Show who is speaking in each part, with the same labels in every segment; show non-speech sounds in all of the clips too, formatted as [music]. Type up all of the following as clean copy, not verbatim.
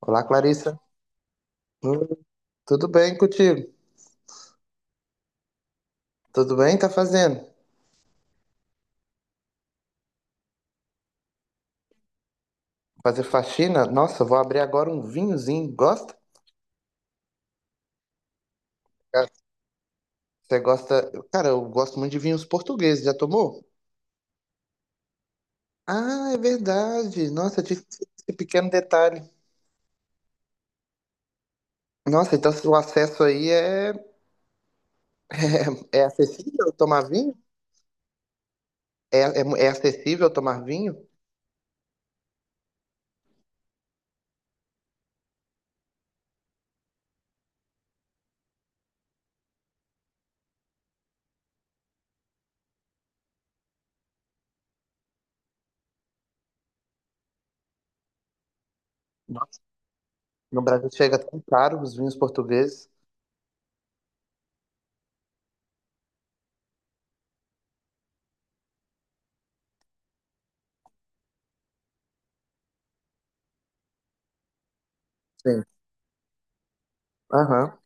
Speaker 1: Olá, Clarissa. Hum, tudo bem contigo? Tudo bem? Tá fazendo? Fazer faxina? Nossa, vou abrir agora um vinhozinho. Gosta? Cara, você gosta? Cara, eu gosto muito de vinhos portugueses. Já tomou? Ah, é verdade. Nossa, eu tinha esquecido esse pequeno detalhe. Nossa, então se o acesso aí é, [laughs] é, é acessível tomar vinho? É, é, é acessível tomar vinho? Nossa, no Brasil chega tão caro os vinhos portugueses. Sim. Aham.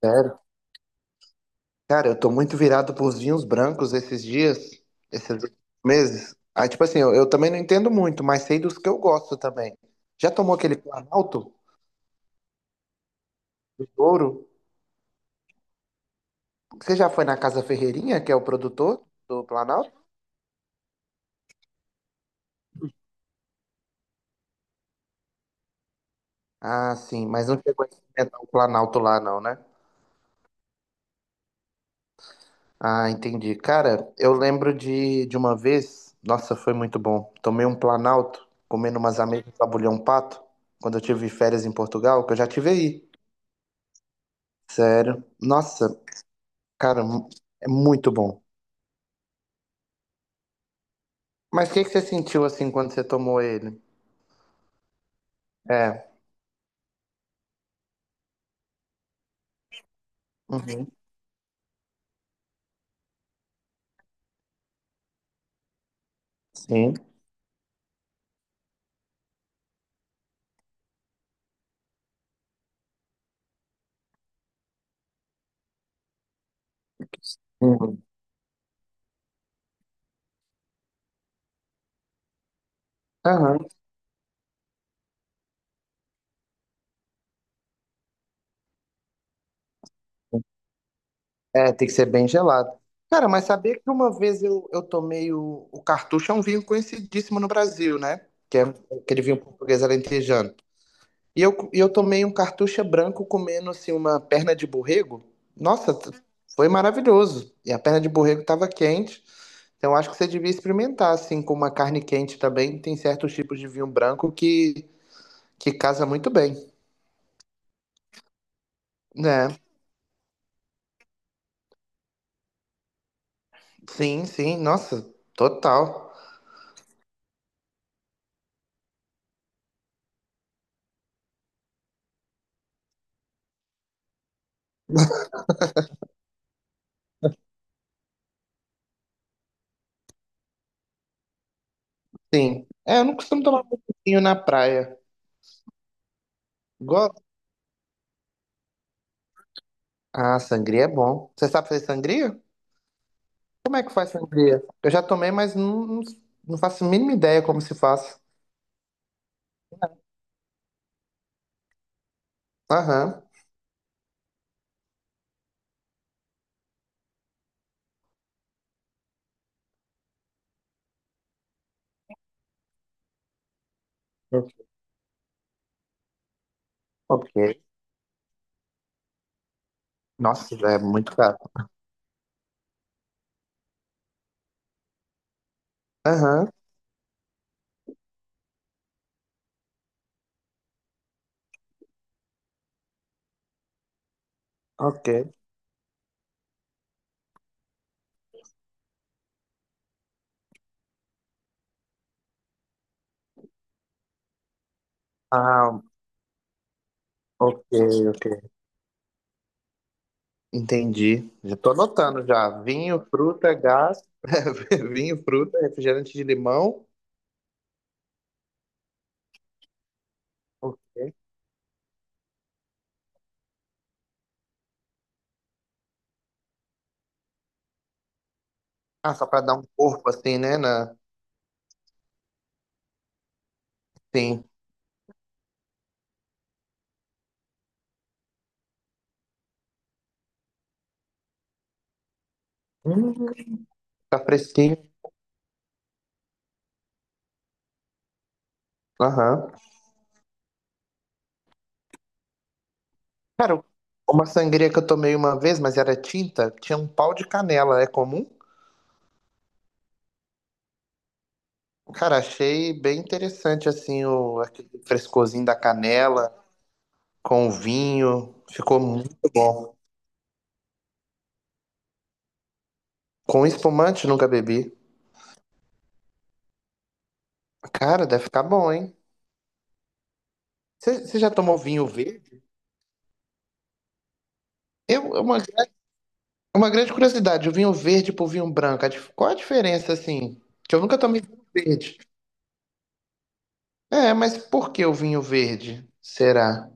Speaker 1: Sério? Cara, eu tô muito virado pros vinhos brancos esses dias, esses meses. Aí, tipo assim, eu também não entendo muito, mas sei dos que eu gosto também. Já tomou aquele Planalto do Douro? Você já foi na Casa Ferreirinha, que é o produtor do Planalto? Ah, sim, mas não chegou a experimentar o Planalto lá, não, né? Ah, entendi. Cara, eu lembro de uma vez, nossa, foi muito bom. Tomei um Planalto, comendo umas ameixas de abulhão pato, quando eu tive férias em Portugal, que eu já tive aí. Sério. Nossa, cara, é muito bom. Mas o que que você sentiu assim quando você tomou ele? É. Uhum. Sim. Uhum. Aham. É, tem que ser bem gelado. Cara, mas sabia que uma vez eu tomei o cartucho, é um vinho conhecidíssimo no Brasil, né? Que é aquele vinho português alentejano. E eu tomei um cartucha branco comendo assim uma perna de borrego. Nossa, foi maravilhoso. E a perna de borrego estava quente. Então acho que você devia experimentar assim com uma carne quente também. Tem certos tipos de vinho branco que casa muito bem, né? Sim, sim. Nossa, total. Sim. É, eu não costumo tomar muito vinho na praia. Gosto. Ah, sangria é bom. Você sabe fazer sangria? Como é que faz sangria? Eu já tomei, mas não, não faço a mínima ideia como se faz. Aham. Ok. Nossa, é muito caro. Aham, ok. Ah, ok, ok. Entendi. Já tô anotando já. Vinho, fruta, gás. [laughs] Vinho, fruta, refrigerante de limão. Ok. Ah, só pra dar um corpo assim, né? Na... Sim. Hum, tá fresquinho. Aham. Cara, uma sangria que eu tomei uma vez, mas era tinta, tinha um pau de canela. É comum? Cara, achei bem interessante assim o aquele frescorzinho da canela com vinho. Ficou muito bom. Com espumante nunca bebi. Cara, deve ficar bom, hein? Você já tomou vinho verde? Eu, é uma grande curiosidade, o vinho verde pro vinho branco, a qual a diferença, assim? Que eu nunca tomei vinho verde. É, mas por que o vinho verde? Será?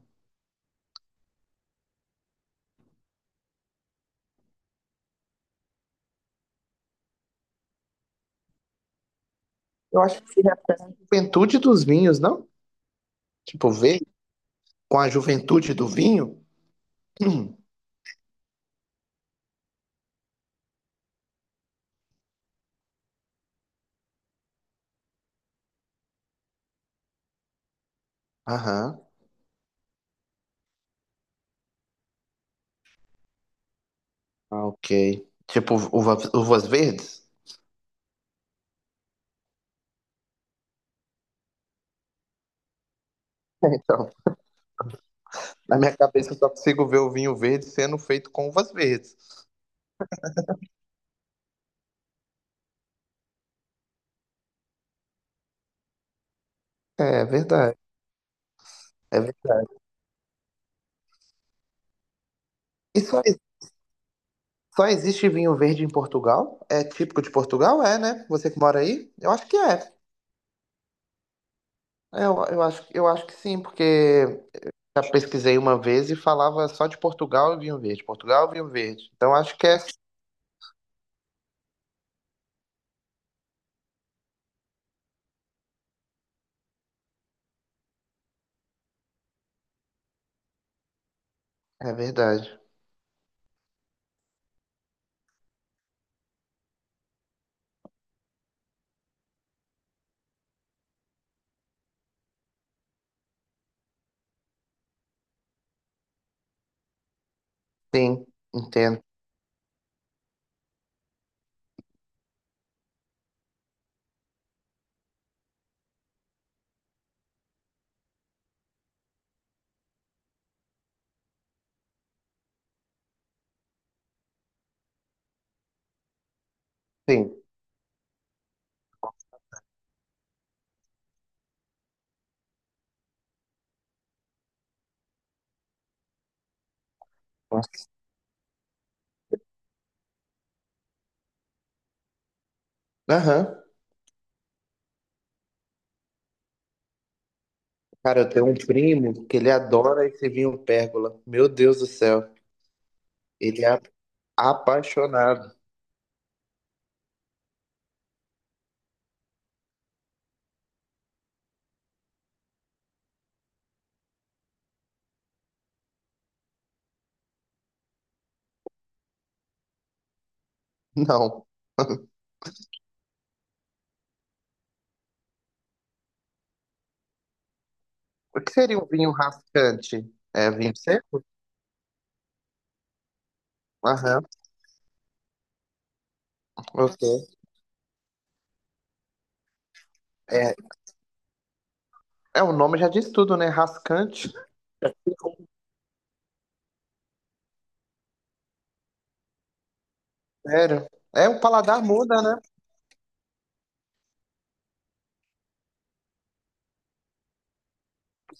Speaker 1: Eu acho que se refere à juventude dos vinhos, não? Tipo, verde com a juventude do vinho? [clears throat] Hum, aham, ah, ok. Tipo, uvas verdes? [laughs] Na minha cabeça eu só consigo ver o vinho verde sendo feito com uvas verdes. É verdade. É verdade. E só, só existe vinho verde em Portugal? É típico de Portugal? É, né? Você que mora aí? Eu acho que é. Eu, eu acho que sim, porque já pesquisei uma vez e falava só de Portugal e vinho verde. Portugal e vinho verde. Então acho que é. É verdade. Sim, entendo. Sim. Aham. Cara, eu tenho um primo que ele adora esse vinho pérgola. Meu Deus do céu. Ele é apaixonado. Não. [laughs] O que seria um vinho rascante? É vinho seco? Aham, ok. É, é, o nome já diz tudo, né? Rascante. Sério. É, o paladar muda, né?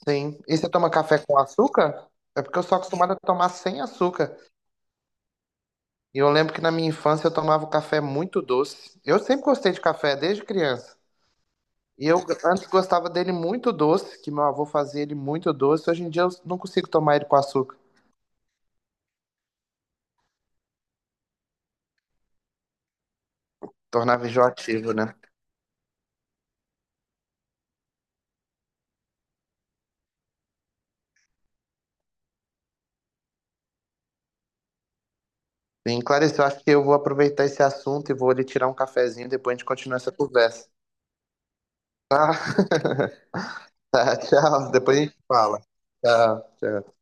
Speaker 1: Sim. E você toma café com açúcar? É porque eu sou acostumado a tomar sem açúcar. E eu lembro que na minha infância eu tomava o café muito doce. Eu sempre gostei de café, desde criança. E eu antes gostava dele muito doce, que meu avô fazia ele muito doce. Hoje em dia eu não consigo tomar ele com açúcar. Tornava enjoativo, né? Sim, Clarice, eu acho que eu vou aproveitar esse assunto e vou ali tirar um cafezinho, depois a gente continua essa conversa. Tá? [laughs] Tá, tchau. Depois a gente fala. Tchau, tchau.